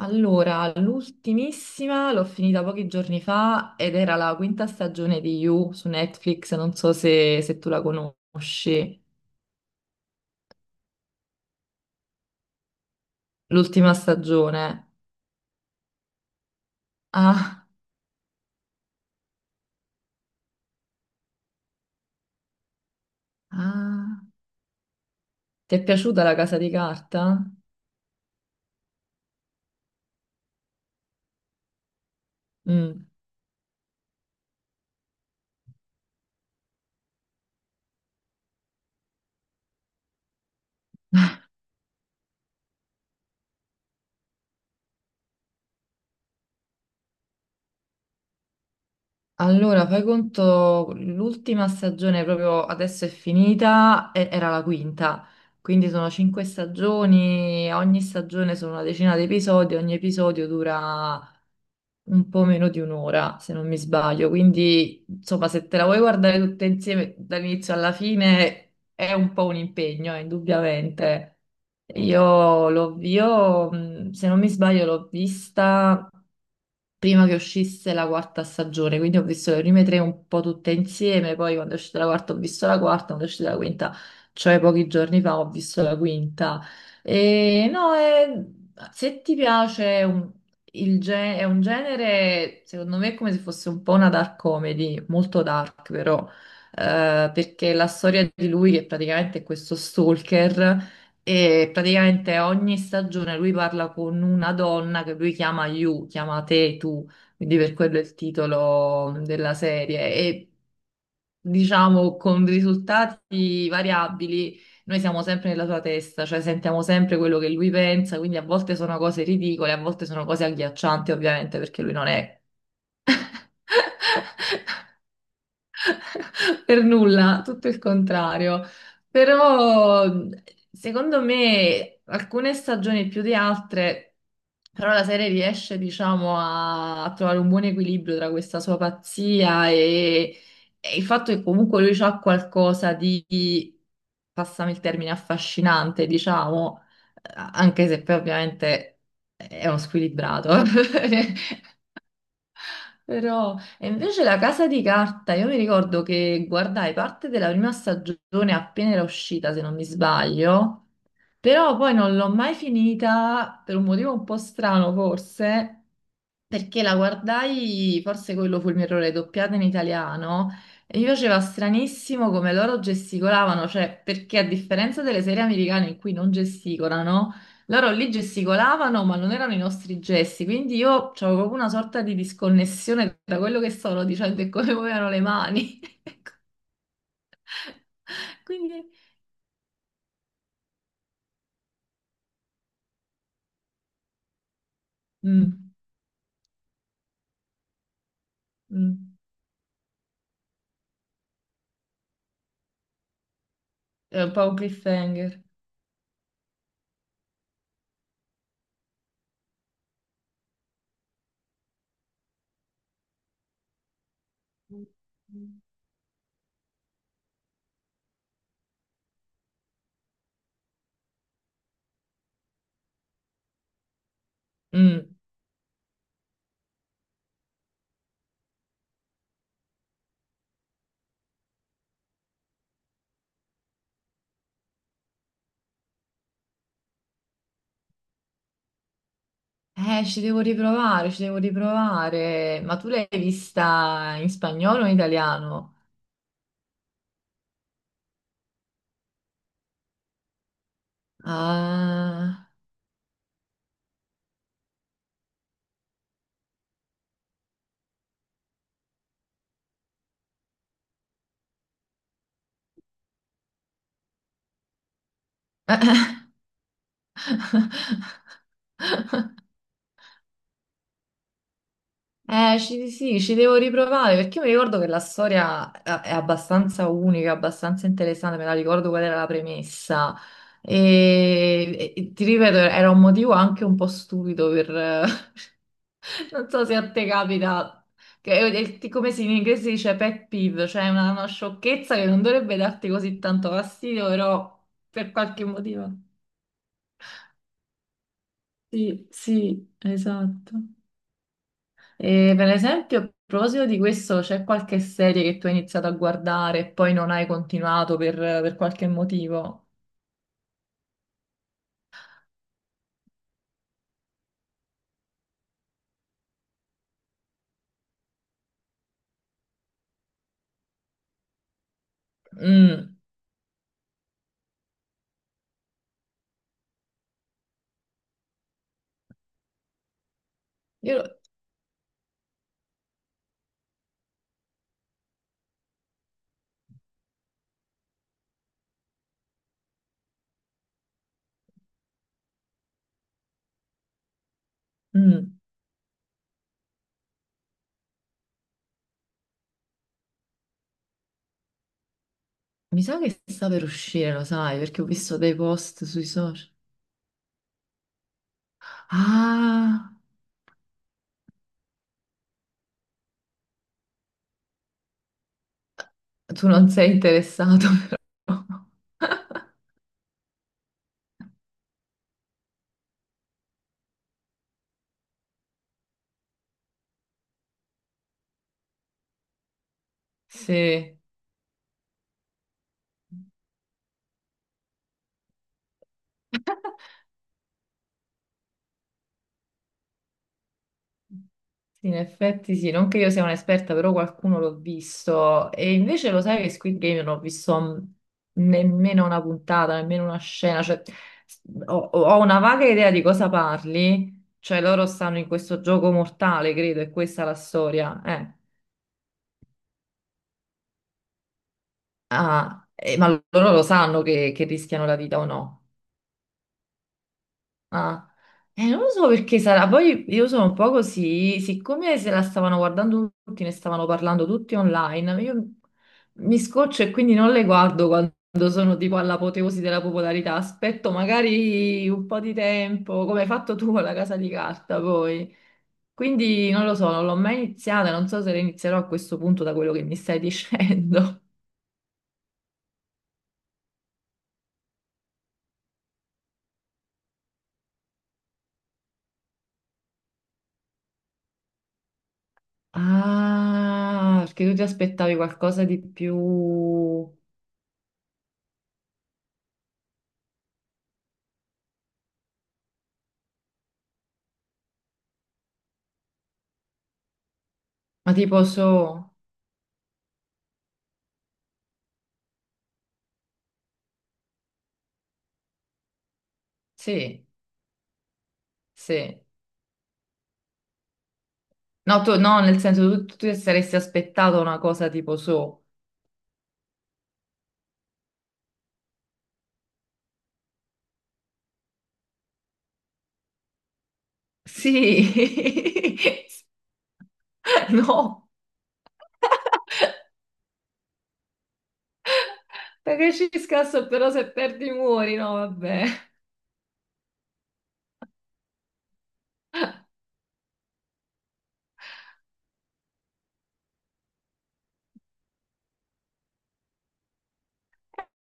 Allora, l'ultimissima l'ho finita pochi giorni fa ed era la quinta stagione di You su Netflix, non so se tu la conosci, l'ultima stagione. Ah, ah, ti è piaciuta La Casa di Carta? Mm. Allora, fai conto, l'ultima stagione proprio adesso è finita, era la quinta, quindi sono cinque stagioni, ogni stagione sono una decina di episodi, ogni episodio dura un po' meno di un'ora, se non mi sbaglio. Quindi, insomma, se te la vuoi guardare tutte insieme dall'inizio alla fine è un po' un impegno, indubbiamente. Se non mi sbaglio, l'ho vista prima che uscisse la quarta stagione, quindi ho visto le prime tre un po' tutte insieme, poi quando è uscita la quarta ho visto la quarta, quando è uscita la quinta, cioè pochi giorni fa ho visto la quinta. E no, se ti piace è è un genere, secondo me, è come se fosse un po' una dark comedy, molto dark però. Perché la storia di lui, che praticamente è questo stalker, e praticamente ogni stagione lui parla con una donna che lui chiama You, chiama te, tu, quindi per quello è il titolo della serie. E diciamo con risultati variabili, noi siamo sempre nella sua testa, cioè sentiamo sempre quello che lui pensa, quindi a volte sono cose ridicole, a volte sono cose agghiaccianti, ovviamente, perché lui non è per nulla, tutto il contrario. Però secondo me alcune stagioni più di altre, però la serie riesce, diciamo, a, a trovare un buon equilibrio tra questa sua pazzia e il fatto che comunque lui ha qualcosa di, passami il termine, affascinante, diciamo, anche se poi ovviamente è uno squilibrato. Però, e invece la casa di carta, io mi ricordo che guardai parte della prima stagione appena era uscita, se non mi sbaglio, però poi non l'ho mai finita per un motivo un po' strano, forse, perché la guardai, forse quello fu il mio errore, doppiata in italiano, e mi faceva stranissimo come loro gesticolavano, cioè perché a differenza delle serie americane in cui non gesticolano, loro lì gesticolavano ma non erano i nostri gesti, quindi io avevo proprio una sorta di disconnessione tra quello che stavano dicendo e come muovevano le mani. Quindi mm, mm, è un po' un cliffhanger. Mm. Ci devo riprovare, ci devo riprovare. Ma tu l'hai vista in spagnolo o in italiano? Ah. Sì, ci devo riprovare perché io mi ricordo che la storia è abbastanza unica, abbastanza interessante, me la ricordo qual era la premessa. E ti ripeto, era un motivo anche un po' stupido per, non so se a te capita, che come si in inglese si dice pet peeve, cioè una sciocchezza che non dovrebbe darti così tanto fastidio, però per qualche motivo. Sì, sì, esatto. E per esempio, a proposito di questo, c'è qualche serie che tu hai iniziato a guardare e poi non hai continuato per qualche motivo? Mm, io- mm, Mi sa che sta per uscire, lo sai, perché ho visto dei post sui social. Ah! Tu non sei interessato, però. Sì. Sì, in effetti sì, non che io sia un'esperta, però qualcuno l'ho visto. E invece lo sai che Squid Game non ho visto nemmeno una puntata, nemmeno una scena. Cioè, s- ho, ho una vaga idea di cosa parli. Cioè, loro stanno in questo gioco mortale, credo, e questa è la storia. Ah, ma loro lo sanno che rischiano la vita o no? Ah, non lo so perché sarà. Poi io sono un po' così, siccome se la stavano guardando tutti, ne stavano parlando tutti online, io mi scoccio e quindi non le guardo quando sono tipo all'apoteosi della popolarità. Aspetto magari un po' di tempo, come hai fatto tu con la casa di carta poi. Quindi non lo so, non l'ho mai iniziata, non so se la inizierò a questo punto da quello che mi stai dicendo. Ah, perché tu ti aspettavi qualcosa di più, ma tipo so, sì. Sì. No, tu, no, nel senso tu, tu ti saresti aspettato una cosa tipo so. Sì. No, perché ci scasso però se perdi muori, no, vabbè.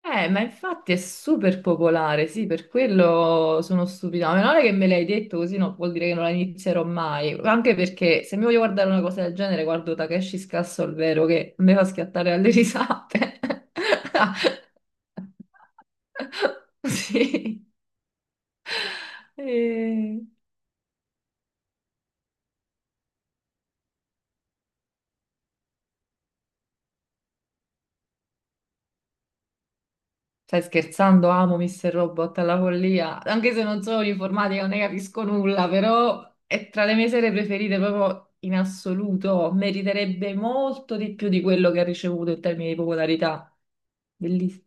Ma infatti è super popolare, sì, per quello sono stupida. Ma meno male che me l'hai detto così, no, vuol dire che non la inizierò mai. Anche perché se mi voglio guardare una cosa del genere, guardo Takeshi Scasso al vero che mi fa schiattare alle risate. Sì. E- Stai scherzando? Amo Mr. Robot alla follia. Anche se non sono informatica, non ne capisco nulla, però è tra le mie serie preferite proprio in assoluto. Meriterebbe molto di più di quello che ha ricevuto in termini di popolarità. Bellissimo.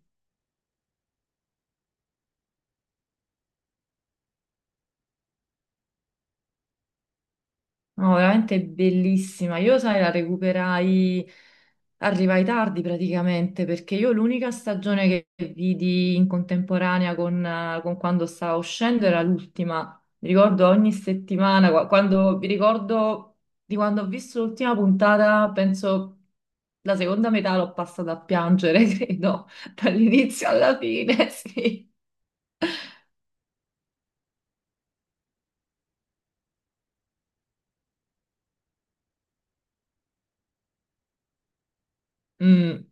No, veramente bellissima. Io, sai, la recuperai, arrivai tardi praticamente, perché io l'unica stagione che vidi in contemporanea con quando stavo uscendo era l'ultima. Mi ricordo ogni settimana, quando mi ricordo di quando ho visto l'ultima puntata, penso la seconda metà l'ho passata a piangere, credo, dall'inizio alla fine, sì. Mm.